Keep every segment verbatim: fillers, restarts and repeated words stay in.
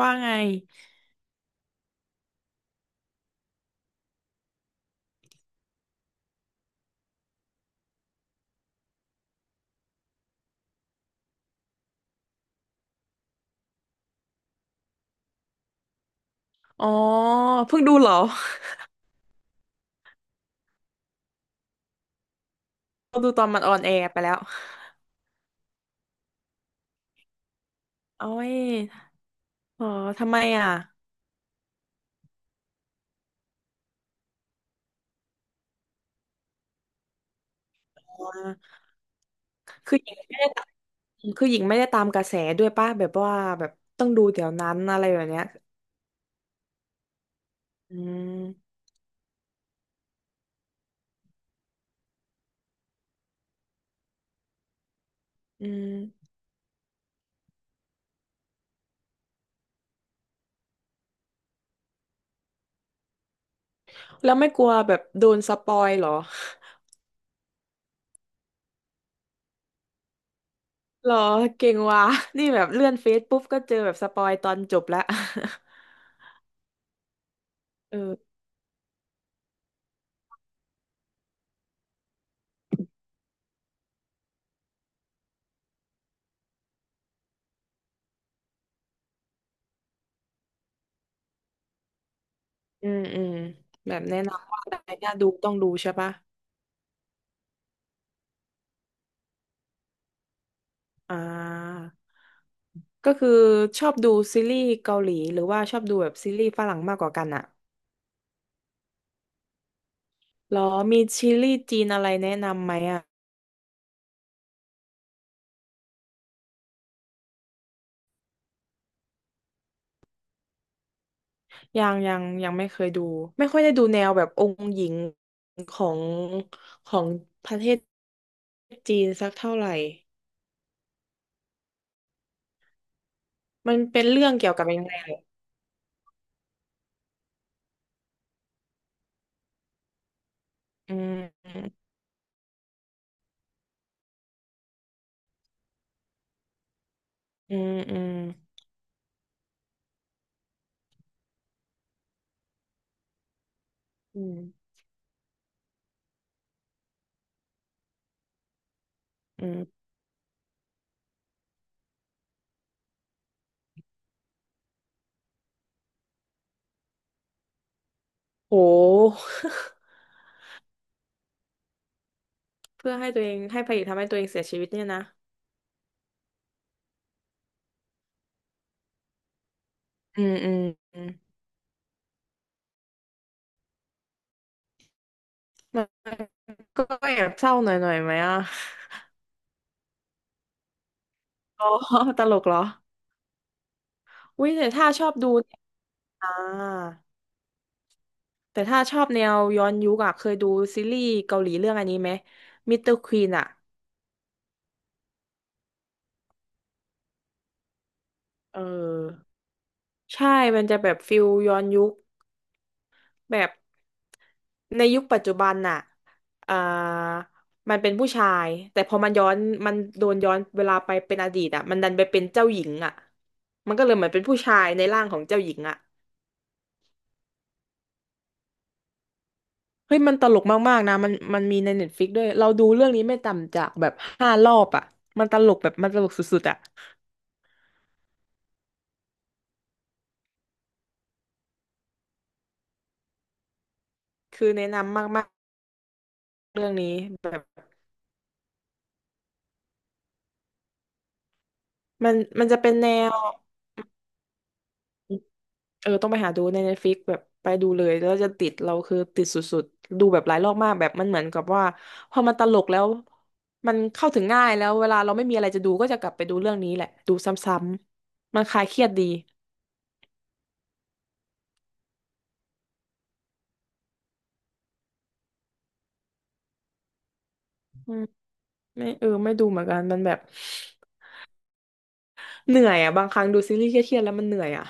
ว่าไง อ๋อเพิ่งดูเหรอ ดูตอนมันออนแอร์ไปแล้วโอ้ยอ๋อทำไมอ่ะอ๋อคือหญิงไม่ได้ตามคือหญิงไม่ได้ตามกระแสด้วยป่ะ แบบว่าแบบต้องดูเดี๋ยวนั้นอะไรแบบเนี้ยอืมอืมแล้วไม่กลัวแบบโดนสปอยเหรอ เหรอเก่งว่ะนี่แบบเลื่อนเฟซปุ๊บก็เจอแบบสปอยตอนจบแล้ว เอออืมอืมแบบแนะนำว่าอะไรน่าดูต้องดูใช่ป่ะอ่า ก็คือชอบดูซีรีส์เกาหลีหรือว่าชอบดูแบบซีรีส์ฝรั่งมากกว่ากันอะหรอมีซีรีส์จีนอะไรแนะนำไหมอะยังยังยังไม่เคยดู ไม่ค่อยได้ดูแนวแบบองค์หญิงของของประเทศจีนสักเท่าไหร่มันเป็นเรื่องเกี่ยวกับยังไงเหรออืมอืมอืมอืมอืมโห เพื่อให้ตัวเองให้พระเอกทำให้ตัวเองเสียชีวิตเนี่ยนะอืมอืมอืมมันก็แอบเศร้าหน่อยหน่อยไหมอ่ะ อ๋อ ตลกเหรออุ้ยแต่ถ้าชอบดูเนี่ยอ่าแต่ถ้าชอบแนวย้อนยุคอะเคยดูซีรีส์เกาหลีเรื่องอันนี้ไหมมิสเตอร์ควีนอะเออใช่มันจะแบบฟิลย้อนยุคแบบในยุคปัจจุบันน่ะอ่ามันเป็นผู้ชายแต่พอมันย้อนมันโดนย้อนเวลาไปเป็นอดีตอะมันดันไปเป็นเจ้าหญิงอะมันก็เลยเหมือนเป็นผู้ชายในร่างของเจ้าหญิงอะ เฮ้ยมันตลกมากๆนะมันมันมีในเน็ตฟลิกด้วยเราดูเรื่องนี้ไม่ต่ำจากแบบห้ารอบอ่ะมันตลกแบบมันตลกสุดๆอ่ะคือแนะนำมากๆเรื่องนี้แบบมันมันจะเป็นแนวเออต้องไปหาดูในเน็ตฟิกแบบไปดูเลยแล้วจะติดเราคือติดสุดๆดูแบบหลายรอบมากแบบมันเหมือนกับว่าพอมันตลกแล้วมันเข้าถึงง่ายแล้วเวลาเราไม่มีอะไรจะดูก็จะกลับไปดูเรื่องนี้แหละดูซ้ำๆมันคลายเครียดดีอืมไม่เออไม่ดูเหมือนกันมันแบบ เหนื่อยอ่ะบางครั้งดูซีรีส์เครียดๆแล้วมันเหนื่อยอ่ะ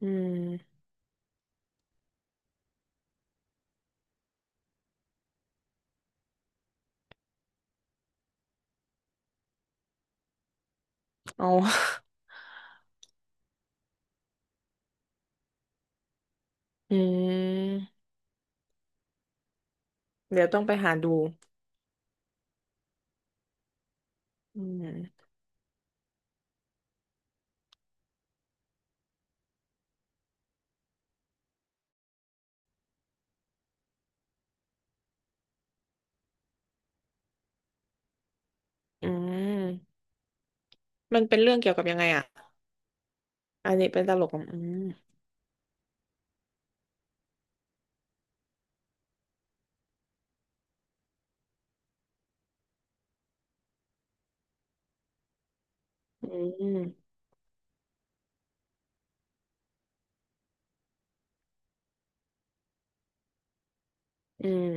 อืมเอา อืมเดี๋ยวต้องไปหาดูอืมอืมมันเป็นเรื่องเกี่ยวกับยังไงอ่ะอันนี้เป็นตลกอะอืมอืมอืม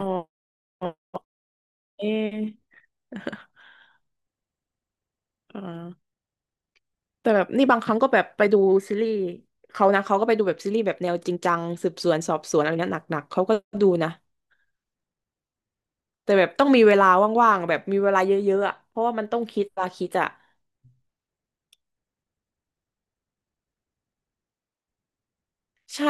อ๋อเอะอ่าแต่แบบนี่บางครั้งก็แบบไปดูซีรีส์เขานะเขาก็ไปดูแบบซีรีส์แบบแนวจริงจังสืบสวนสอบสวนอะไรเนี้ยหนักๆเขาก็ดูนะแต่แบบต้องมีเวลาว่างๆแบบมีเวลาเยอะๆอะเพราะว่ามันต้องคิดตาคิดอะ ใช่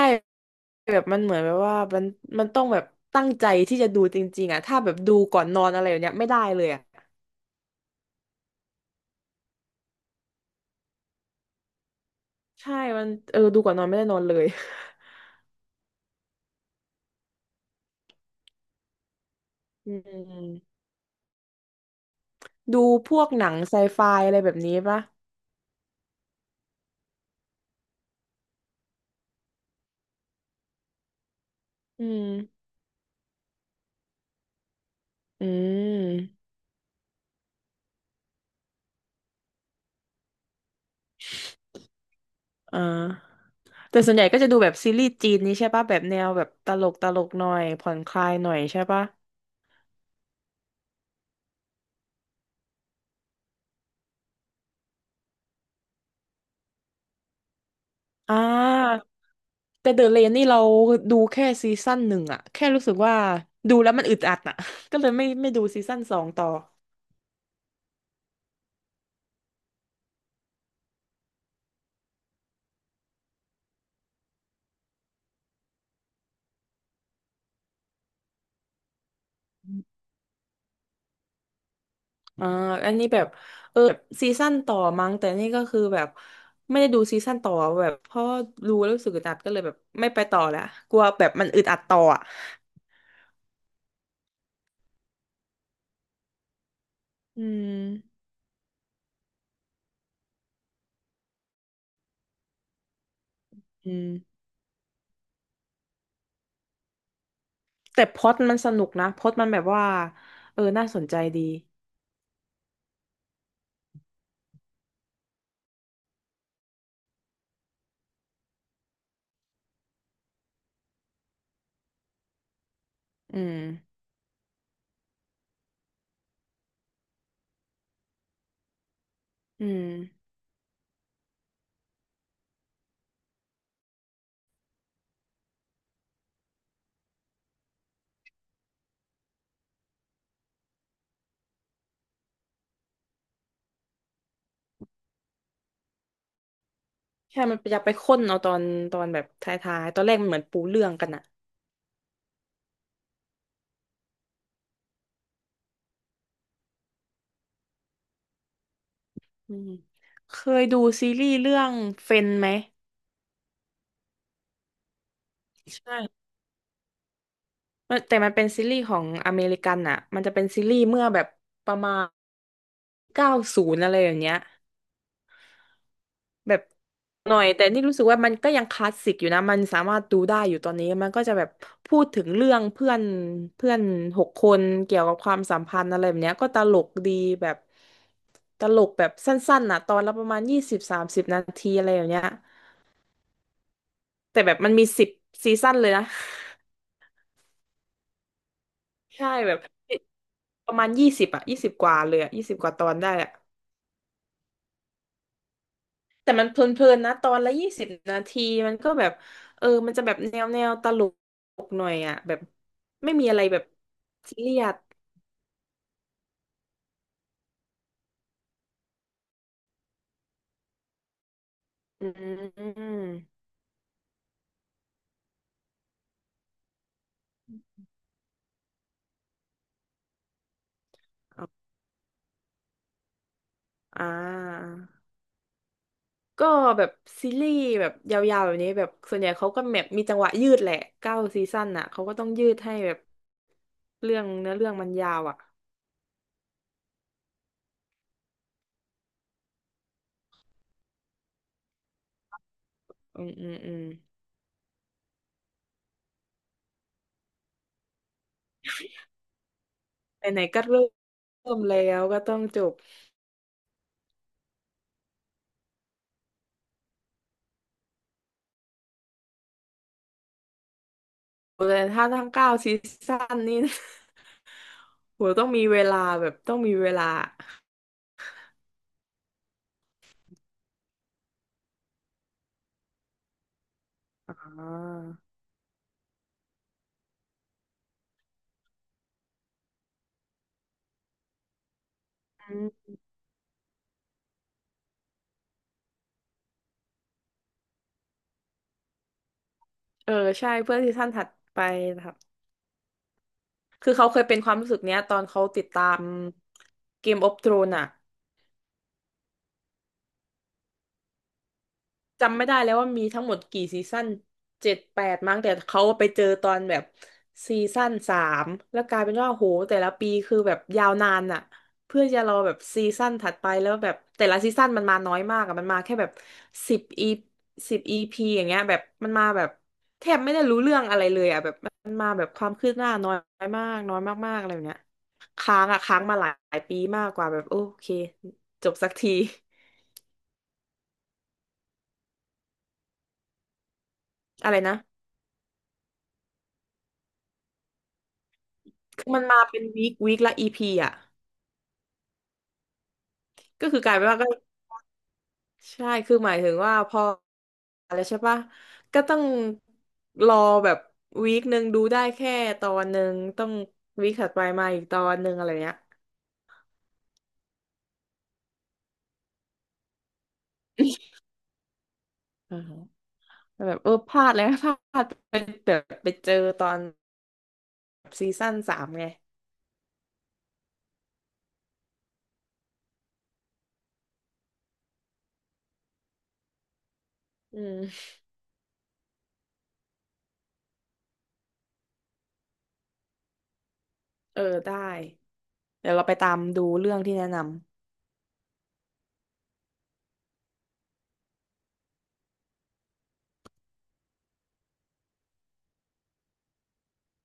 แบบมันเหมือนแบบว่ามันมันต้องแบบตั้งใจที่จะดูจริงๆอ่ะถ้าแบบดูก่อนนอนอะไรอย่างเนี้ยไม่ได้เลยอ่ะใช่มันเออดูก่อนนอนไม่ได้นอนเลย อืมดูพวกหนังไซไฟอะไรแบบนี้ปะอืมอืมอ่าแต่ส่วนใหญ่ก็จะดูแบบซีรีส์จีนนี้ใช่ปะแบบแนวแบบตลกตลกหน่อยผ่อนคลายหน่อยใช่ปะอ่าแต่เดอะเลนนี่เราดูแค่ซีซั่นหนึ่งอะแค่รู้สึกว่าดูแล้วมันอึดอัดอะ ก็เลยไม่ไม่ดูซีซั่นสองต่อ อ่าอันนี้แบบเออแบบซีซั่นต่อมั้งแต่นี่ก็คือแบบไม่ได้ดูซีซั่นต่อแบบเพราะดูแล้วรู้สึกอึดอัดก็เลยแบบไม่ไปต่อละกลัวแบบมันอึดอัดต่ออ่ะอืมอืมแต่พล็อตมันสนุกนะพล็อตมันแบบว่าเออน่าสนใจดีอืมอืมใช่มันอยากไปค้นเอาตอนตอนแบบท้ายๆ ตอนแรกมันเหมือนปูเรื่องกันอ่ะอืมเคยดูซีรีส์เรื่องเฟนไหมใช่ มันแต่มันเป็นซีรีส์ของอเมริกันอ่ะมันจะเป็นซีรีส์เมื่อแบบประมาณเก้าศูนย์อะไรอย่างเงี้ยแบบหน่อยแต่นี่รู้สึกว่ามันก็ยังคลาสสิกอยู่นะมันสามารถดูได้อยู่ตอนนี้มันก็จะแบบพูดถึงเรื่องเพื่อนเพื่อนหกคนเกี่ยวกับความสัมพันธ์อะไรแบบเนี้ยก็ตลกดีแบบตลกแบบสั้นๆน่ะตอนละประมาณยี่สิบสามสิบนาทีอะไรอย่างเงี้ยแต่แบบมันมีสิบซีซั่นเลยนะ ใช่แบบประมาณยี่สิบอะยี่สิบกว่าเลยอะยี่สิบกว่าตอนได้อะ แต่มันเพลินๆนะตอนละยี่สิบนาทีมันก็แบบเออมันจะแบบแนวแนวตลกหน่อยอ่ะแบบไม่มีอะไรแบบซีเรียสอืมอ่าก็แบบซีรีส์แบบยาวๆแบบนี้แบบส่วนใหญ่เขาก็แบบมีจังหวะยืดแหละเก้าซีซั่นอ่ะเขาก็ต้องยืดให้แบบเรื่องเนื้อเรื่องมันยาวอ่ะอืมอืมอืมไหนๆก็เริ่มแล้วก็ต้องจบแต่ถ้าทั้งเก้าซีซั่นนี่ โหต้องมีเวลาแบบต้องมีเวลาอ่าอืมเออใช่เพื่อซีซั่นถัดไปนะครับคือเขาเคยเป็นความรู้สึกเนี้ยตอนเขาติดตามเกมออฟ r ธรน e อะ จำไม่ได้แล้วว่ามีทั้งหมดกี่ซีซั่นเจ็ดแปดมั้งแต่เขาไปเจอตอนแบบซีซั่นสามแล้วกลายเป็นว่าโหแต่ละปีคือแบบยาวนานอะเพื่อจะรอแบบซีซั่นถัดไปแล้วแบบแต่ละซีซั่นมันมาน้อยมากอะมันมาแค่แบบสิบอีสิบอีพีอย่างเงี้ยแบบมันมาแบบแทบไม่ได้รู้เรื่องอะไรเลยอะแบบมันมาแบบความคืบหน้าน้อยมากน้อยมากๆอะไรแบบเนี้ยค้างอะค้างมาหลายปีมากกว่าแบบโอเคจบสักที อะไรนะ มันมาเป็นวีควีคละอีพีอ่ะก็คือกลายเป็นว่าก็ใช่คือหมายถึงว่าพออะไรใช่ปะก็ต้องรอแบบวีคหนึ่งดูได้แค่ตอนหนึ่งต้องวีคถัดไปมาอีกตอนหนึ่งอะไรเงี้ยอือฮึแบบเออพลาดเลยนะ พลาดไปแบบไปเจอตอนซีซั่นสามไงอืมเออได้เดี๋ยวเราไปตามดูเรื่องที่แนะนำ